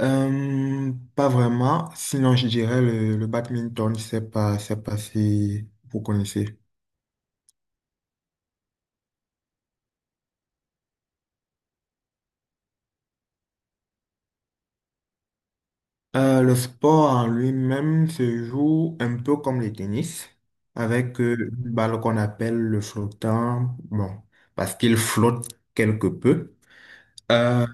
Pas vraiment. Sinon, je dirais le badminton, c'est pas si vous connaissez. Le sport en lui-même se joue un peu comme le tennis, avec une balle qu'on appelle le flottant, bon, parce qu'il flotte quelque peu. Euh,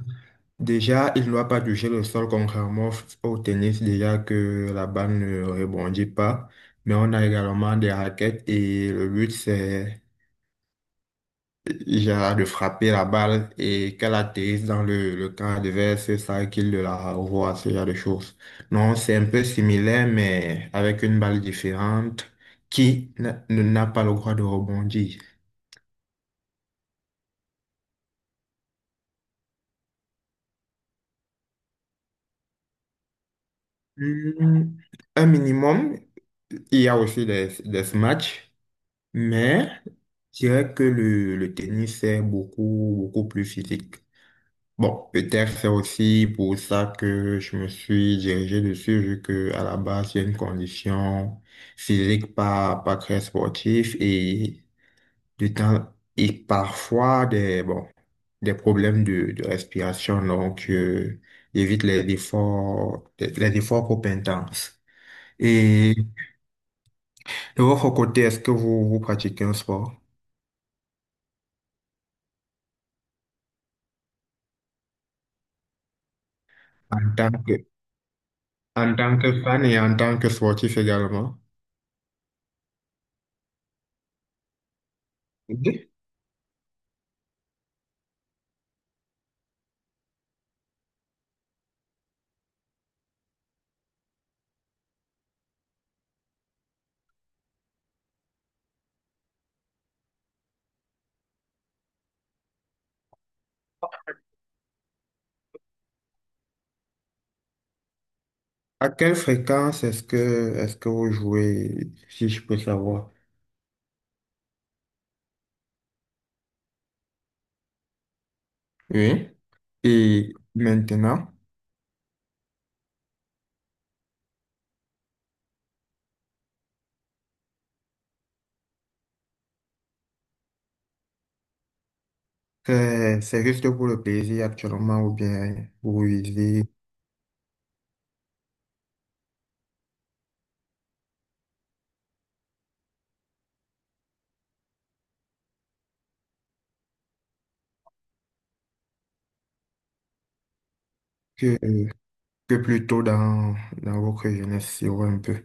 Déjà, il ne doit pas toucher le sol, contrairement au tennis, déjà que la balle ne rebondit pas. Mais on a également des raquettes et le but, c'est Gérard de frapper la balle et qu'elle atterrisse dans le camp adverse, c'est ça qu'il de la revoit, ce genre de choses. Non, c'est un peu similaire, mais avec une balle différente qui n'a pas le droit de rebondir. Hmm, un minimum, il y a aussi des smash, mais je dirais que le tennis est beaucoup, beaucoup plus physique. Bon, peut-être c'est aussi pour ça que je me suis dirigé dessus, vu que à la base, j'ai une condition physique pas très sportive et du temps, et parfois des, bon, des problèmes de respiration, donc, j'évite les efforts trop intenses. Et de votre côté, est-ce que vous, vous pratiquez un sport en tant que, en tant que fan et en tant que sportif également? À quelle fréquence est-ce que vous jouez, si je peux savoir? Oui. Et maintenant, c'est juste pour le plaisir actuellement ou bien vous visez que, que plutôt dans, dans votre jeunesse, si on veut un peu.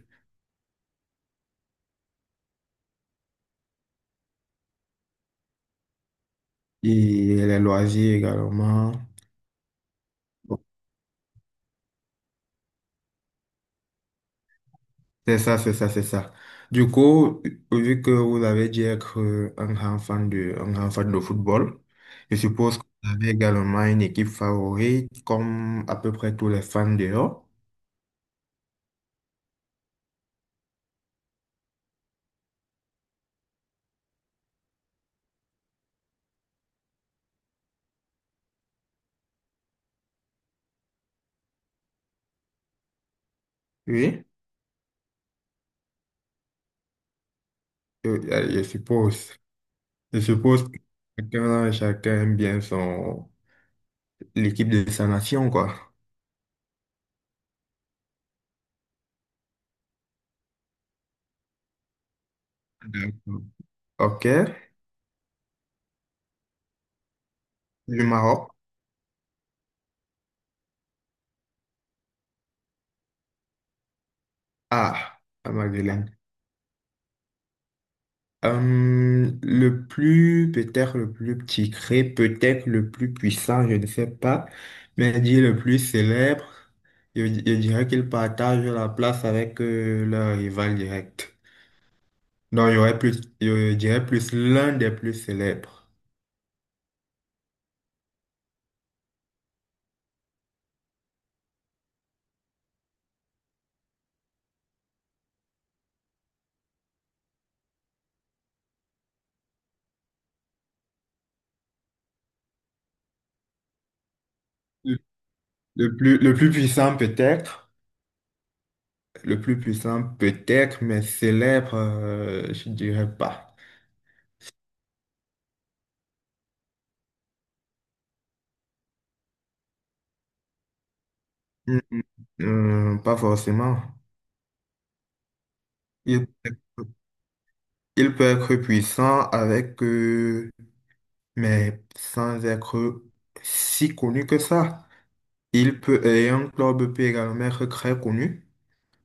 Et les loisirs également. C'est ça, c'est ça, c'est ça. Du coup, vu que vous avez dit être un grand fan de, un grand fan de football, je suppose que vous avez également une équipe favorite, comme à peu près tous les fans dehors. Oui, je suppose. Je suppose que chacun, chacun aime bien son, l'équipe de sa nation, quoi. D'accord. OK. Du Maroc. Ah, la Magdalene. Le plus, peut-être le plus petit cré, peut-être le plus puissant, je ne sais pas, mais dit le plus célèbre, je dirais qu'il partage la place avec leur rival direct. Non, il y aurait plus, je dirais plus l'un des plus célèbres. Le, le plus puissant peut-être, le plus puissant peut-être, mais célèbre, je dirais pas. Hmm, hmm, pas forcément. Il peut être puissant avec, mais sans être si connu que ça. Il peut, et un club peut également être très connu.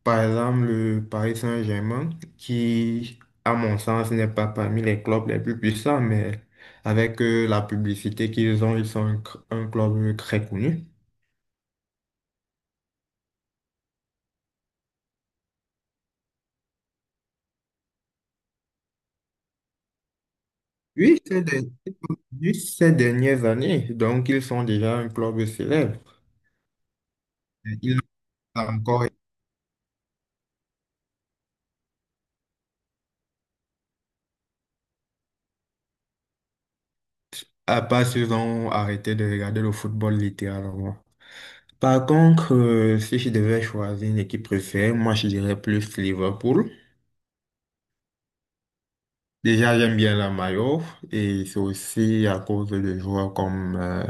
Par exemple, le Paris Saint-Germain, qui, à mon sens, n'est pas parmi les clubs les plus puissants, mais avec la publicité qu'ils ont, ils sont un club très connu. Oui, ces dernières années, donc ils sont déjà un club célèbre. Ils l'ont encore. À part s'ils ont arrêté de regarder le football littéralement. Par contre, si je devais choisir une équipe préférée, moi je dirais plus Liverpool. Déjà, j'aime bien la maillot et c'est aussi à cause de joueurs comme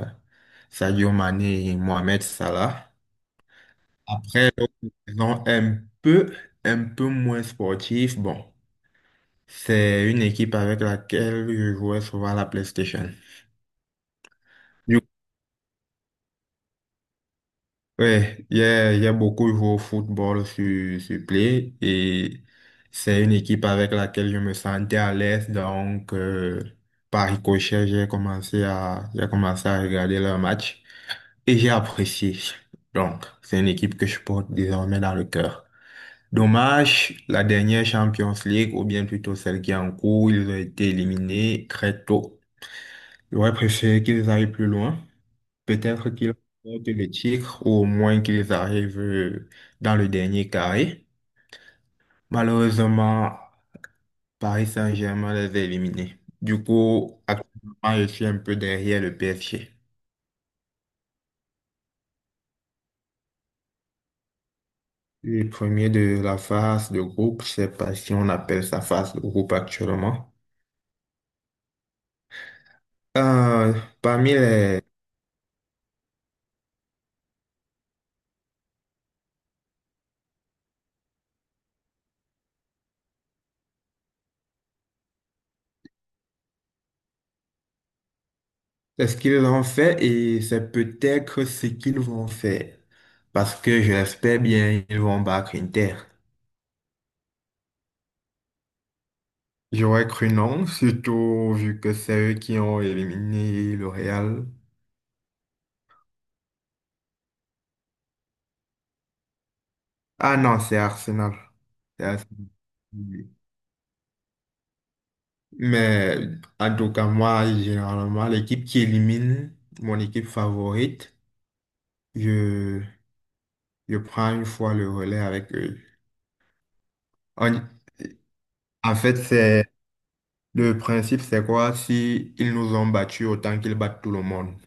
Sadio Mané et Mohamed Salah. Après, d'autres raisons un peu moins sportif. Bon, c'est une équipe avec laquelle je jouais souvent à la PlayStation. Ouais, il y a beaucoup joué au football sur, sur Play et c'est une équipe avec laquelle je me sentais à l'aise. Donc, par ricochet, j'ai commencé à regarder leurs matchs et j'ai apprécié. Donc, c'est une équipe que je porte désormais dans le cœur. Dommage, la dernière Champions League, ou bien plutôt celle qui est en cours, ils ont été éliminés très tôt. J'aurais préféré qu'ils aillent plus loin. Peut-être qu'ils remportent le titre ou au moins qu'ils arrivent dans le dernier carré. Malheureusement, Paris Saint-Germain les a éliminés. Du coup, actuellement, je suis un peu derrière le PSG. Le premier de la phase de groupe, je sais pas si on appelle ça phase de groupe actuellement. Euh, Parmi les, ce qu'ils ont fait et c'est peut-être ce qu'ils vont faire. Parce que je l'espère bien, ils vont battre Inter. J'aurais cru non, surtout vu que c'est eux qui ont éliminé le Real. Ah non, c'est Arsenal. C'est Arsenal. Oui. Mais en tout cas, moi, généralement, l'équipe qui élimine mon équipe favorite, je, je prends une fois le relais avec eux. En, en fait, c'est le principe, c'est quoi? Si ils nous ont battus, autant qu'ils battent tout le monde.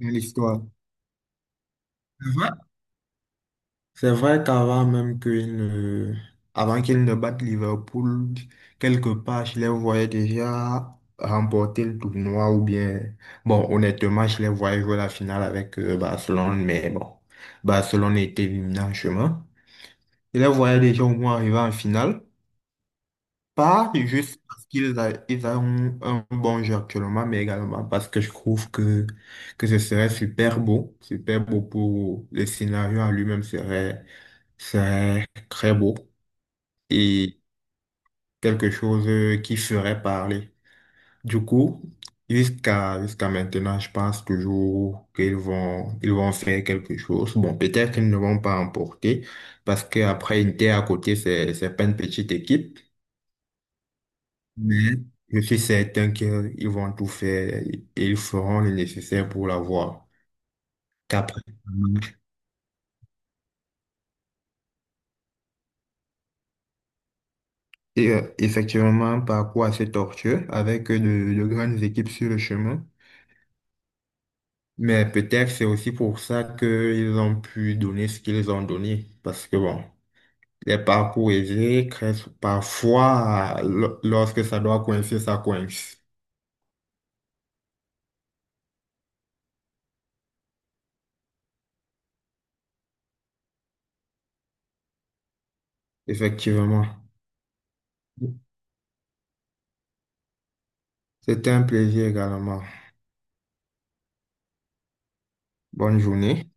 Dans l'histoire. C'est vrai qu'avant même qu'il ne... avant qu'il ne batte Liverpool, quelque part, je les voyais déjà remporter le tournoi ou bien, bon, honnêtement, je les voyais jouer la finale avec Barcelone, mais bon, Barcelone était éliminé en chemin. Je les voyais déjà au moins arriver en finale. Pas juste ils ont un bon jeu actuellement, mais également parce que je trouve que ce serait super beau pour le scénario en lui-même serait, serait très beau et quelque chose qui ferait parler. Du coup, jusqu'à maintenant, je pense toujours qu'ils vont, ils vont faire quelque chose. Bon, peut-être qu'ils ne vont pas emporter parce qu'après, Inter à côté, c'est pas une petite équipe. Mais je suis certain qu'ils vont tout faire et ils feront le nécessaire pour l'avoir. Qu'après, et effectivement, un parcours assez tortueux avec de grandes équipes sur le chemin. Mais peut-être c'est aussi pour ça qu'ils ont pu donner ce qu'ils ont donné. Parce que bon, les parcours aisés créent parfois, lorsque ça doit coincer, ça coince. Effectivement. C'était un plaisir également. Bonne journée.